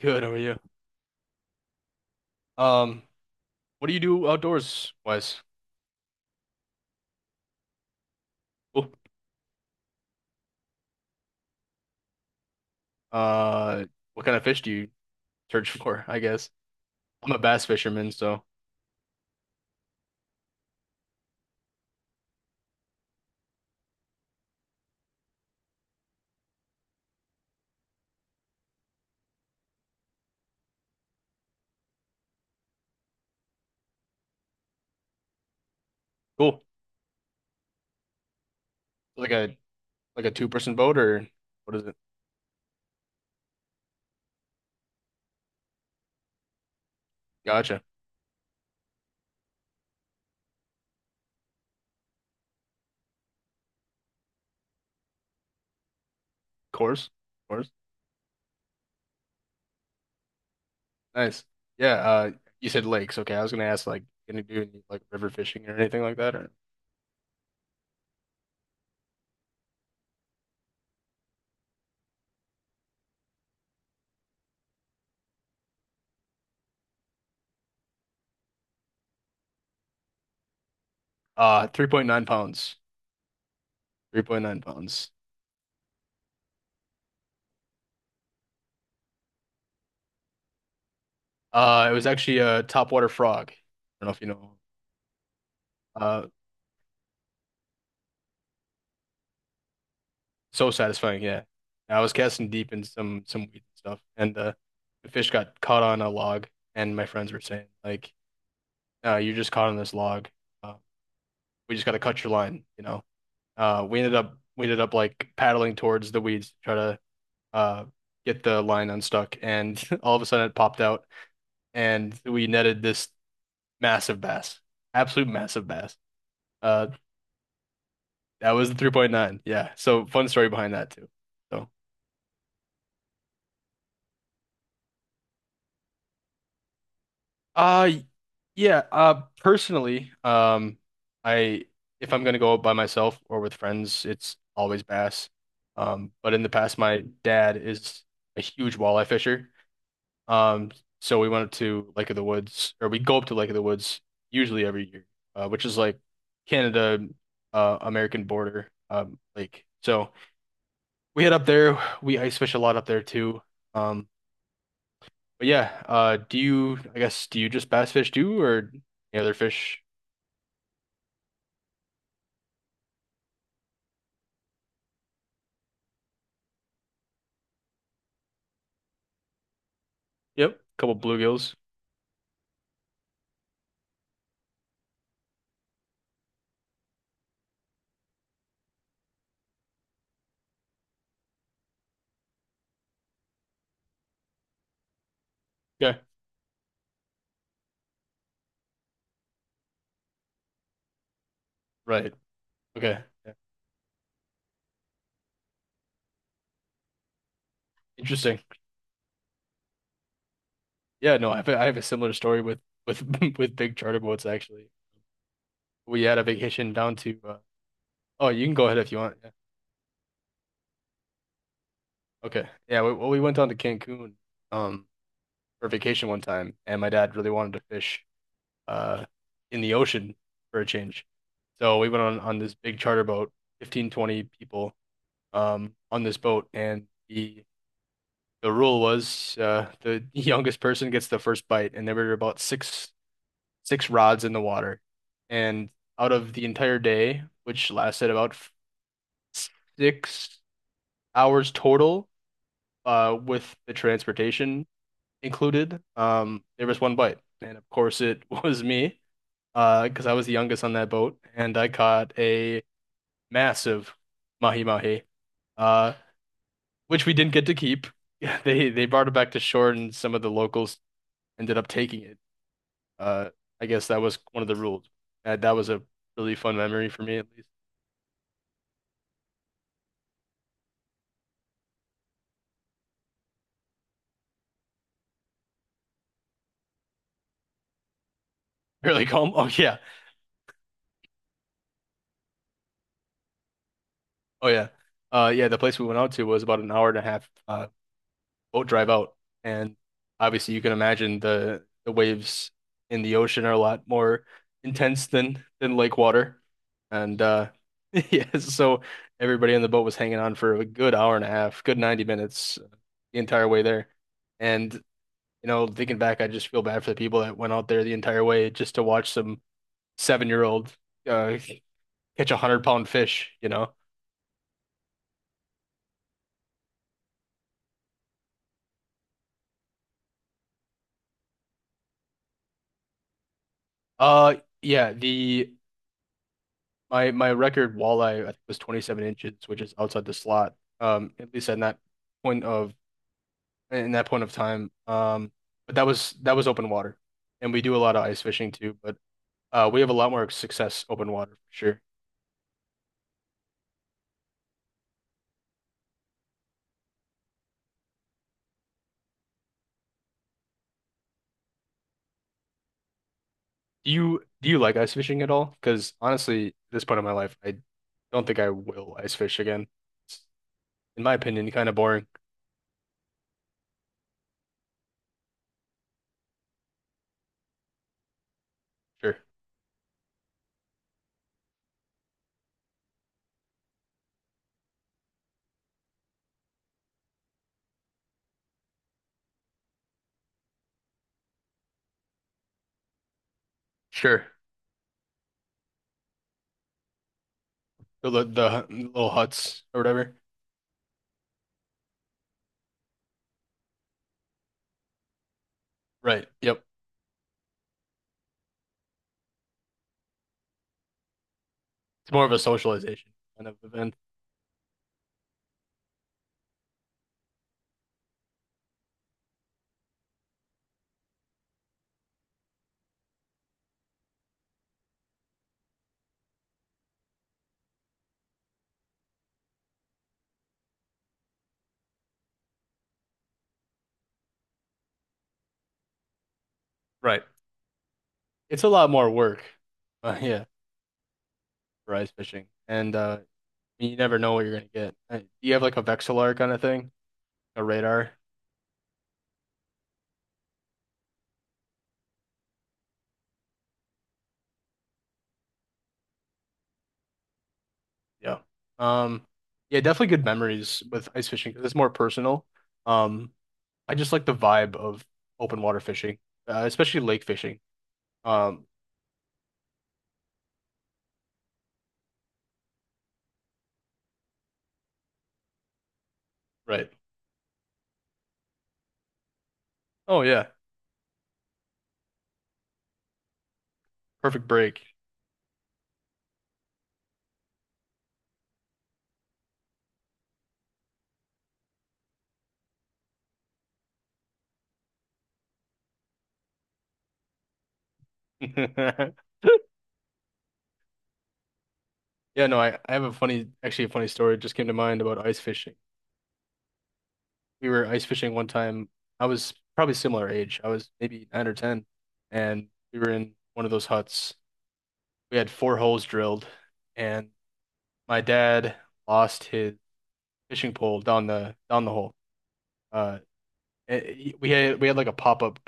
Good, how are you? Um, what do you do outdoors wise? Oh, uh, what kind of fish do you search for, I guess? I'm a bass fisherman, so cool. Like a like a two-person boat or what is it? Gotcha. Course? Course? Nice. Yeah, you said lakes, okay. I was gonna ask like can you do any, like river fishing or anything like that or 3.9 pounds. 3.9 pounds. It was actually a topwater frog. I don't know if you know. Uh So satisfying, yeah. I was casting deep in some weed and stuff, and the fish got caught on a log. And my friends were saying, like, you're just caught on this log. Uh, we just got to cut your line, you know. We ended up like paddling towards the weeds to try to uh get the line unstuck. And all of a sudden, it popped out, and we netted this massive bass, absolute massive bass. Uh, that was the 3.9. Yeah. So fun story behind that too. So. Uh y- yeah, personally, I if I'm gonna go out by myself or with friends, it's always bass. Um, but in the past my dad is a huge walleye fisher. Um so we went up to Lake of the Woods or we go up to Lake of the Woods usually every year, which is like Canada American border lake. So we head up there, we ice fish a lot up there too. Um. But yeah, do you, I guess, do you just bass fish too, or any other fish? Yep, couple bluegills. Yeah, right. Okay, yeah. Interesting. Yeah, no, I have a similar story with with with big charter boats actually. We had a vacation down to. Oh, you can go ahead if you want. Yeah. Okay. Yeah. We went down to Cancun um for vacation one time, and my dad really wanted to fish uh in the ocean for a change, so we went on this big charter boat, 15-20 people, on this boat, and the rule was, the youngest person gets the first bite, and there were about six rods in the water, and out of the entire day, which lasted about 6 hours total, with the transportation included, there was one bite, and of course it was me, because I was the youngest on that boat, and I caught a massive mahi mahi. uh. Which we didn't get to keep. Yeah, they brought it back to shore, and some of the locals ended up taking it. Uh, I guess that was one of the rules. That was a really fun memory for me, at least. Really calm. Oh yeah, oh yeah, yeah. The place we went out to was about an hour and a half, boat drive out. And obviously, you can imagine the waves in the ocean are a lot more intense than lake water. And yeah, so everybody on the boat was hanging on for a good hour and a half, good 90 minutes, the entire way there. And you know, thinking back, I just feel bad for the people that went out there the entire way just to watch some seven-year-old, uh, catch 100 pound fish. You know, uh, yeah, the my record walleye I think was 27 inches, which is outside the slot. At least in that point of in that point of time. But that was open water, and we do a lot of ice fishing too. But we have a lot more success open water for sure. Do you like ice fishing at all? Because honestly, at this point in my life, I don't think I will ice fish again. It's, in my opinion, kind of boring. Sure, sure. The little huts or whatever. Right. Yep. It's more of a socialization kind of event. Right. It's a lot more work. Yeah, for ice fishing, and you never know what you're gonna get. Do you have like a Vexilar kind of thing, a radar? Yeah. Um, yeah, definitely good memories with ice fishing because it's more personal. Um, I just like the vibe of open water fishing, especially lake fishing. Um, right. Oh yeah, perfect break. Yeah, no, I have a funny, actually a funny story just came to mind about ice fishing. We were ice fishing one time. I was probably similar age. I was maybe nine or ten, and we were in one of those huts. We had four holes drilled, and my dad lost his fishing pole down the hole. Uh, we had like a pop up.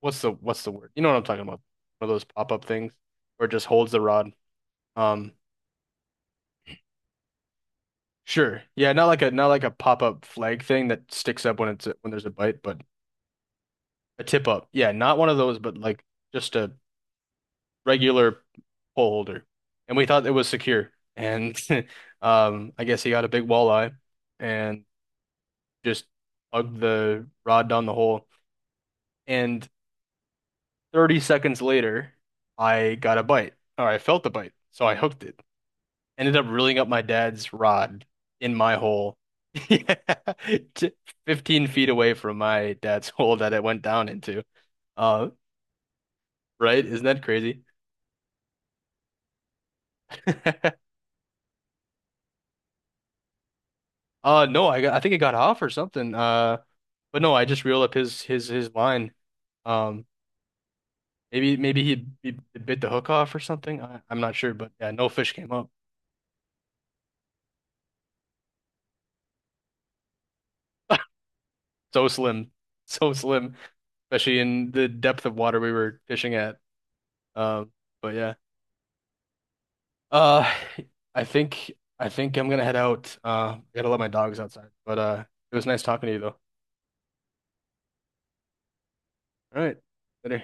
What's the word? You know what I'm talking about? One of those pop up things where it just holds the rod. Um, sure, yeah, not like a not like a pop up flag thing that sticks up when it's when there's a bite, but a tip up. Yeah, not one of those, but like just a regular pole holder, and we thought it was secure. And I guess he got a big walleye and just plugged the rod down the hole. And 30 seconds later, I got a bite, or I felt the bite, so I hooked it. Ended up reeling up my dad's rod in my hole. Yeah, t- 15 feet away from my dad's hole that it went down into. Uh, right? Isn't that crazy? No, I got, I think it got off or something. But no, I just reeled up his his line. Um, maybe he bit the hook off or something. I'm not sure, but yeah, no fish came up. So slim, so slim, especially in the depth of water we were fishing at. Um, but yeah, uh, I think I think I'm gonna head out. I gotta let my dogs outside. But it was nice talking to you though. All right, later.